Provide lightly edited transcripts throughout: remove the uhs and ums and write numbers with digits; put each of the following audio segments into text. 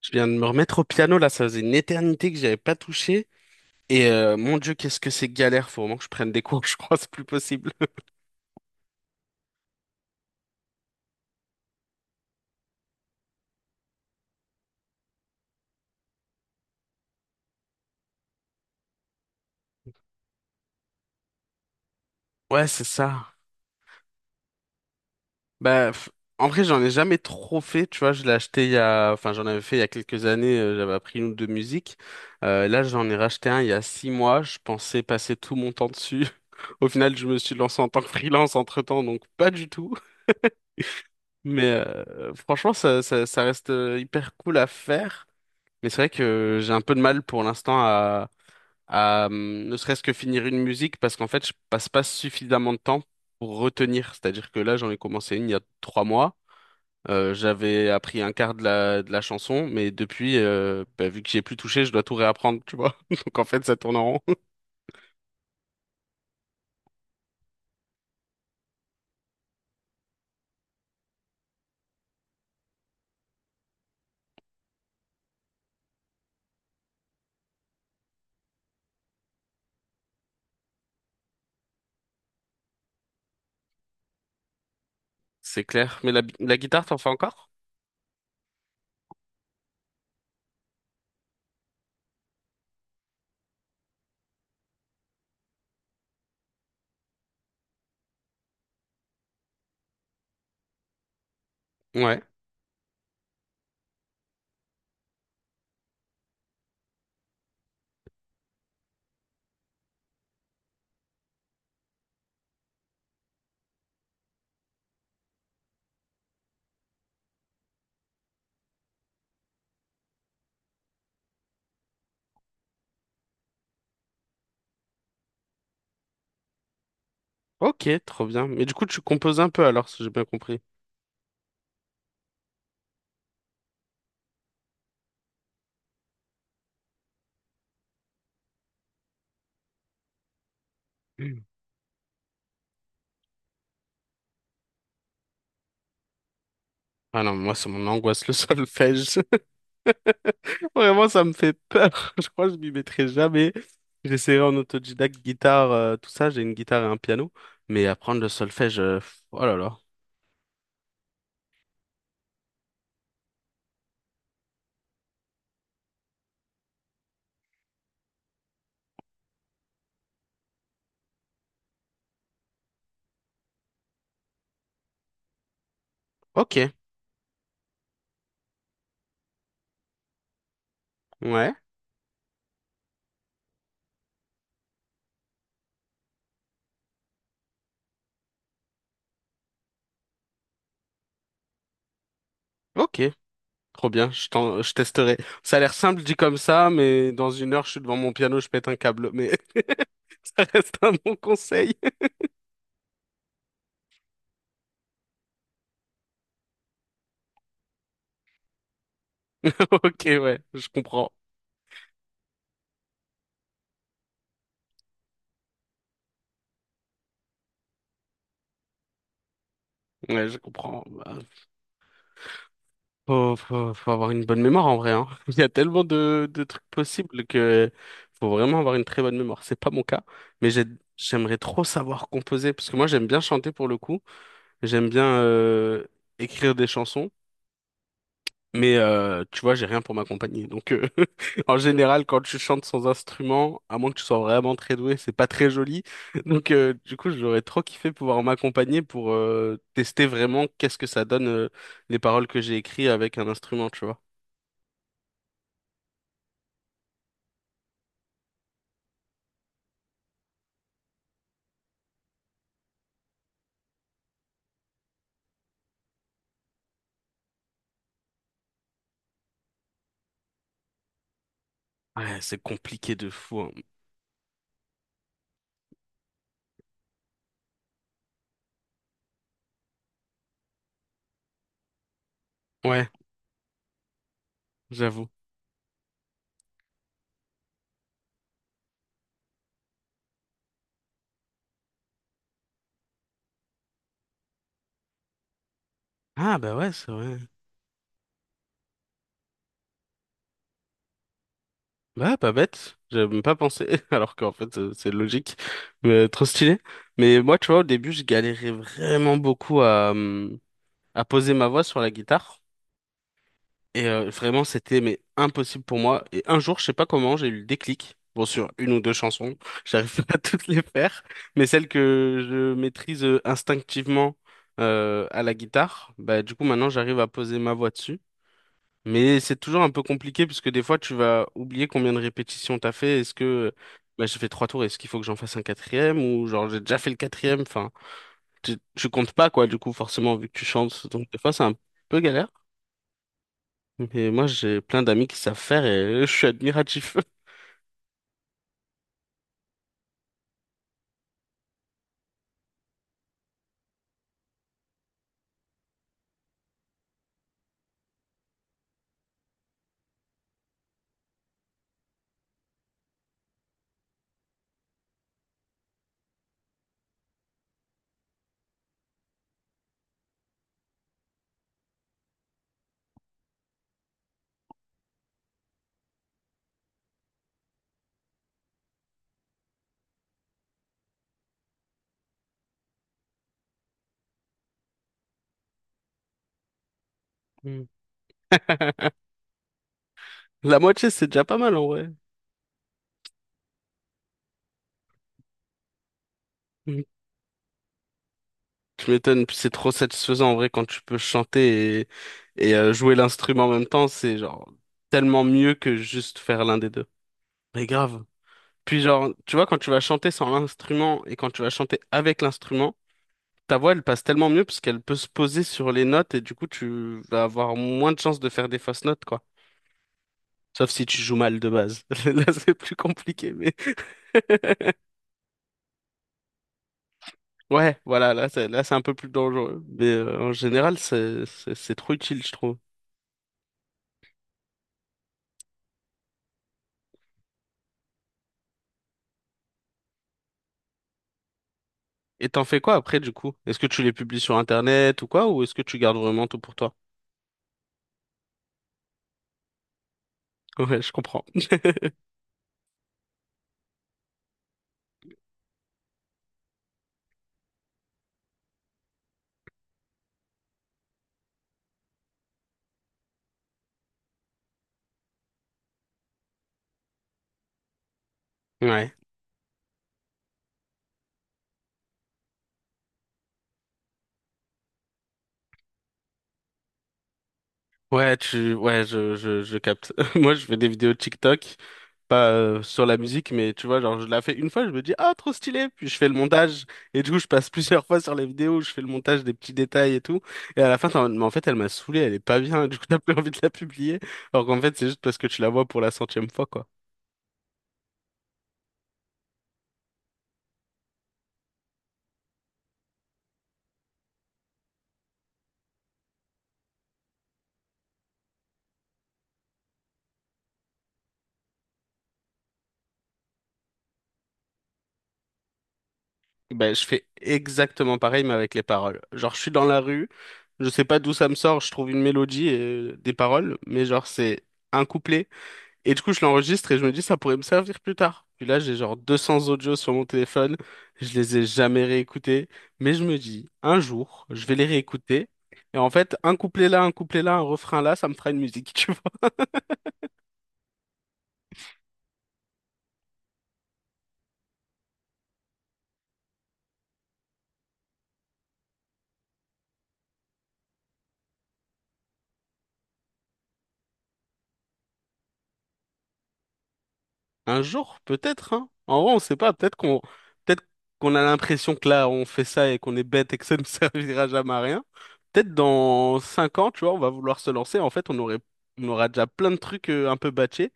Je viens de me remettre au piano là, ça faisait une éternité que j'avais pas touché. Et mon Dieu, qu'est-ce que c'est galère, faut vraiment que je prenne des cours, je crois, c'est plus possible. Ouais, c'est ça. Bah, en vrai, j'en ai jamais trop fait, tu vois, je l'ai acheté il y a, enfin, j'en avais fait il y a quelques années, j'avais appris une ou deux musiques. Là, j'en ai racheté un il y a 6 mois, je pensais passer tout mon temps dessus. Au final, je me suis lancé en tant que freelance entre-temps, donc pas du tout. Mais franchement, ça reste hyper cool à faire. Mais c'est vrai que j'ai un peu de mal pour l'instant à ne serait-ce que finir une musique parce qu'en fait je passe pas suffisamment de temps pour retenir. C'est-à-dire que là j'en ai commencé une il y a 3 mois. J'avais appris un quart de la chanson, mais depuis, bah, vu que j'y ai plus touché, je dois tout réapprendre, tu vois. Donc en fait ça tourne en rond. C'est clair. Mais la guitare, t'en fais encore? Ouais. Ok, trop bien. Mais du coup tu composes un peu alors, si j'ai bien compris. Mm. Ah non, moi c'est mon angoisse, le solfège. Vraiment, ça me fait peur. Je crois que je m'y mettrai jamais. J'essaierai en autodidacte, guitare, tout ça. J'ai une guitare et un piano. Mais apprendre le solfège, pff, oh là là. Ok, ouais, ok. Trop bien, je testerai. Ça a l'air simple dit comme ça, mais dans une heure, je suis devant mon piano, je pète un câble. Mais ça reste un bon conseil. Ok, ouais, je comprends. Ouais, je comprends. Bah, faut, faut, faut avoir une bonne mémoire en vrai, hein. Il y a tellement de trucs possibles que faut vraiment avoir une très bonne mémoire. C'est pas mon cas, mais j'aimerais trop savoir composer parce que moi j'aime bien chanter pour le coup. J'aime bien écrire des chansons, mais tu vois, j'ai rien pour m'accompagner. En général, quand tu chantes sans instrument, à moins que tu sois vraiment très doué, c'est pas très joli. Du coup, j'aurais trop kiffé pouvoir m'accompagner pour tester vraiment qu'est-ce que ça donne les paroles que j'ai écrites avec un instrument, tu vois. Ouais, c'est compliqué de fou, hein. Ouais, j'avoue. Ah bah ouais, c'est vrai. Bah pas bête. J'avais même pas pensé, alors qu'en fait c'est logique, mais trop stylé. Mais moi, tu vois, au début, je galérais vraiment beaucoup à poser ma voix sur la guitare et vraiment c'était mais impossible pour moi. Et un jour, je sais pas comment, j'ai eu le déclic. Bon, sur une ou deux chansons, j'arrive pas à toutes les faire, mais celles que je maîtrise instinctivement à la guitare, bah du coup maintenant j'arrive à poser ma voix dessus. Mais c'est toujours un peu compliqué puisque des fois tu vas oublier combien de répétitions t'as fait. Est-ce que bah, j'ai fait trois tours, est-ce qu'il faut que j'en fasse un quatrième ou genre j'ai déjà fait le quatrième? Enfin, tu comptes pas quoi du coup forcément vu que tu chantes. Donc des fois c'est un peu galère. Mais moi j'ai plein d'amis qui savent faire et je suis admiratif. Mm. La moitié c'est déjà pas mal en vrai. Mm. Tu m'étonnes, puis c'est trop satisfaisant en vrai quand tu peux chanter et jouer l'instrument en même temps. C'est genre tellement mieux que juste faire l'un des deux. Mais grave. Puis genre, tu vois, quand tu vas chanter sans l'instrument et quand tu vas chanter avec l'instrument, ta voix, elle passe tellement mieux parce qu'elle peut se poser sur les notes et du coup, tu vas avoir moins de chances de faire des fausses notes, quoi. Sauf si tu joues mal de base. Là, c'est plus compliqué, mais ouais, voilà, c'est un peu plus dangereux. Mais en général, c'est trop utile, je trouve. Et t'en fais quoi après, du coup? Est-ce que tu les publies sur Internet ou quoi, ou est-ce que tu gardes vraiment tout pour toi? Ouais, je comprends. Ouais. Ouais, ouais, je capte. Moi, je fais des vidéos TikTok, pas sur la musique, mais tu vois, genre, je la fais une fois, je me dis, ah, trop stylé, puis je fais le montage, et du coup, je passe plusieurs fois sur les vidéos, je fais le montage des petits détails et tout, et à la fin, t'es en mode, mais en fait, elle m'a saoulé, elle est pas bien, du coup, t'as plus envie de la publier, alors qu'en fait, c'est juste parce que tu la vois pour la 100e fois, quoi. Ben, je fais exactement pareil, mais avec les paroles. Genre, je suis dans la rue, je sais pas d'où ça me sort, je trouve une mélodie et des paroles, mais genre, c'est un couplet. Et du coup, je l'enregistre et je me dis, ça pourrait me servir plus tard. Puis là, j'ai genre 200 audios sur mon téléphone. Je les ai jamais réécoutés. Mais je me dis, un jour, je vais les réécouter. Et en fait, un couplet là, un couplet là, un refrain là, ça me fera une musique, tu vois. Un jour, peut-être, hein. En vrai, on sait pas. Peut-être qu'on a l'impression que là, on fait ça et qu'on est bête et que ça ne servira jamais à rien. Peut-être dans 5 ans, tu vois, on va vouloir se lancer. En fait, on aura déjà plein de trucs un peu batchés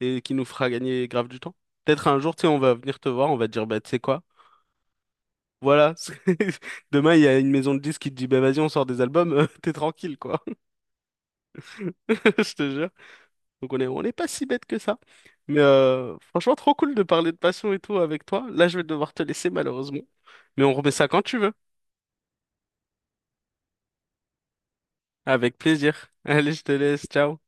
et qui nous fera gagner grave du temps. Peut-être un jour, tu sais, on va venir te voir, on va te dire, bah, tu sais quoi? Voilà, demain, il y a une maison de disques qui te dit, bah, vas-y, on sort des albums, t'es tranquille, quoi. Je te jure. Donc, on est pas si bête que ça. Mais franchement, trop cool de parler de passion et tout avec toi. Là, je vais devoir te laisser, malheureusement. Mais on remet ça quand tu veux. Avec plaisir. Allez, je te laisse. Ciao.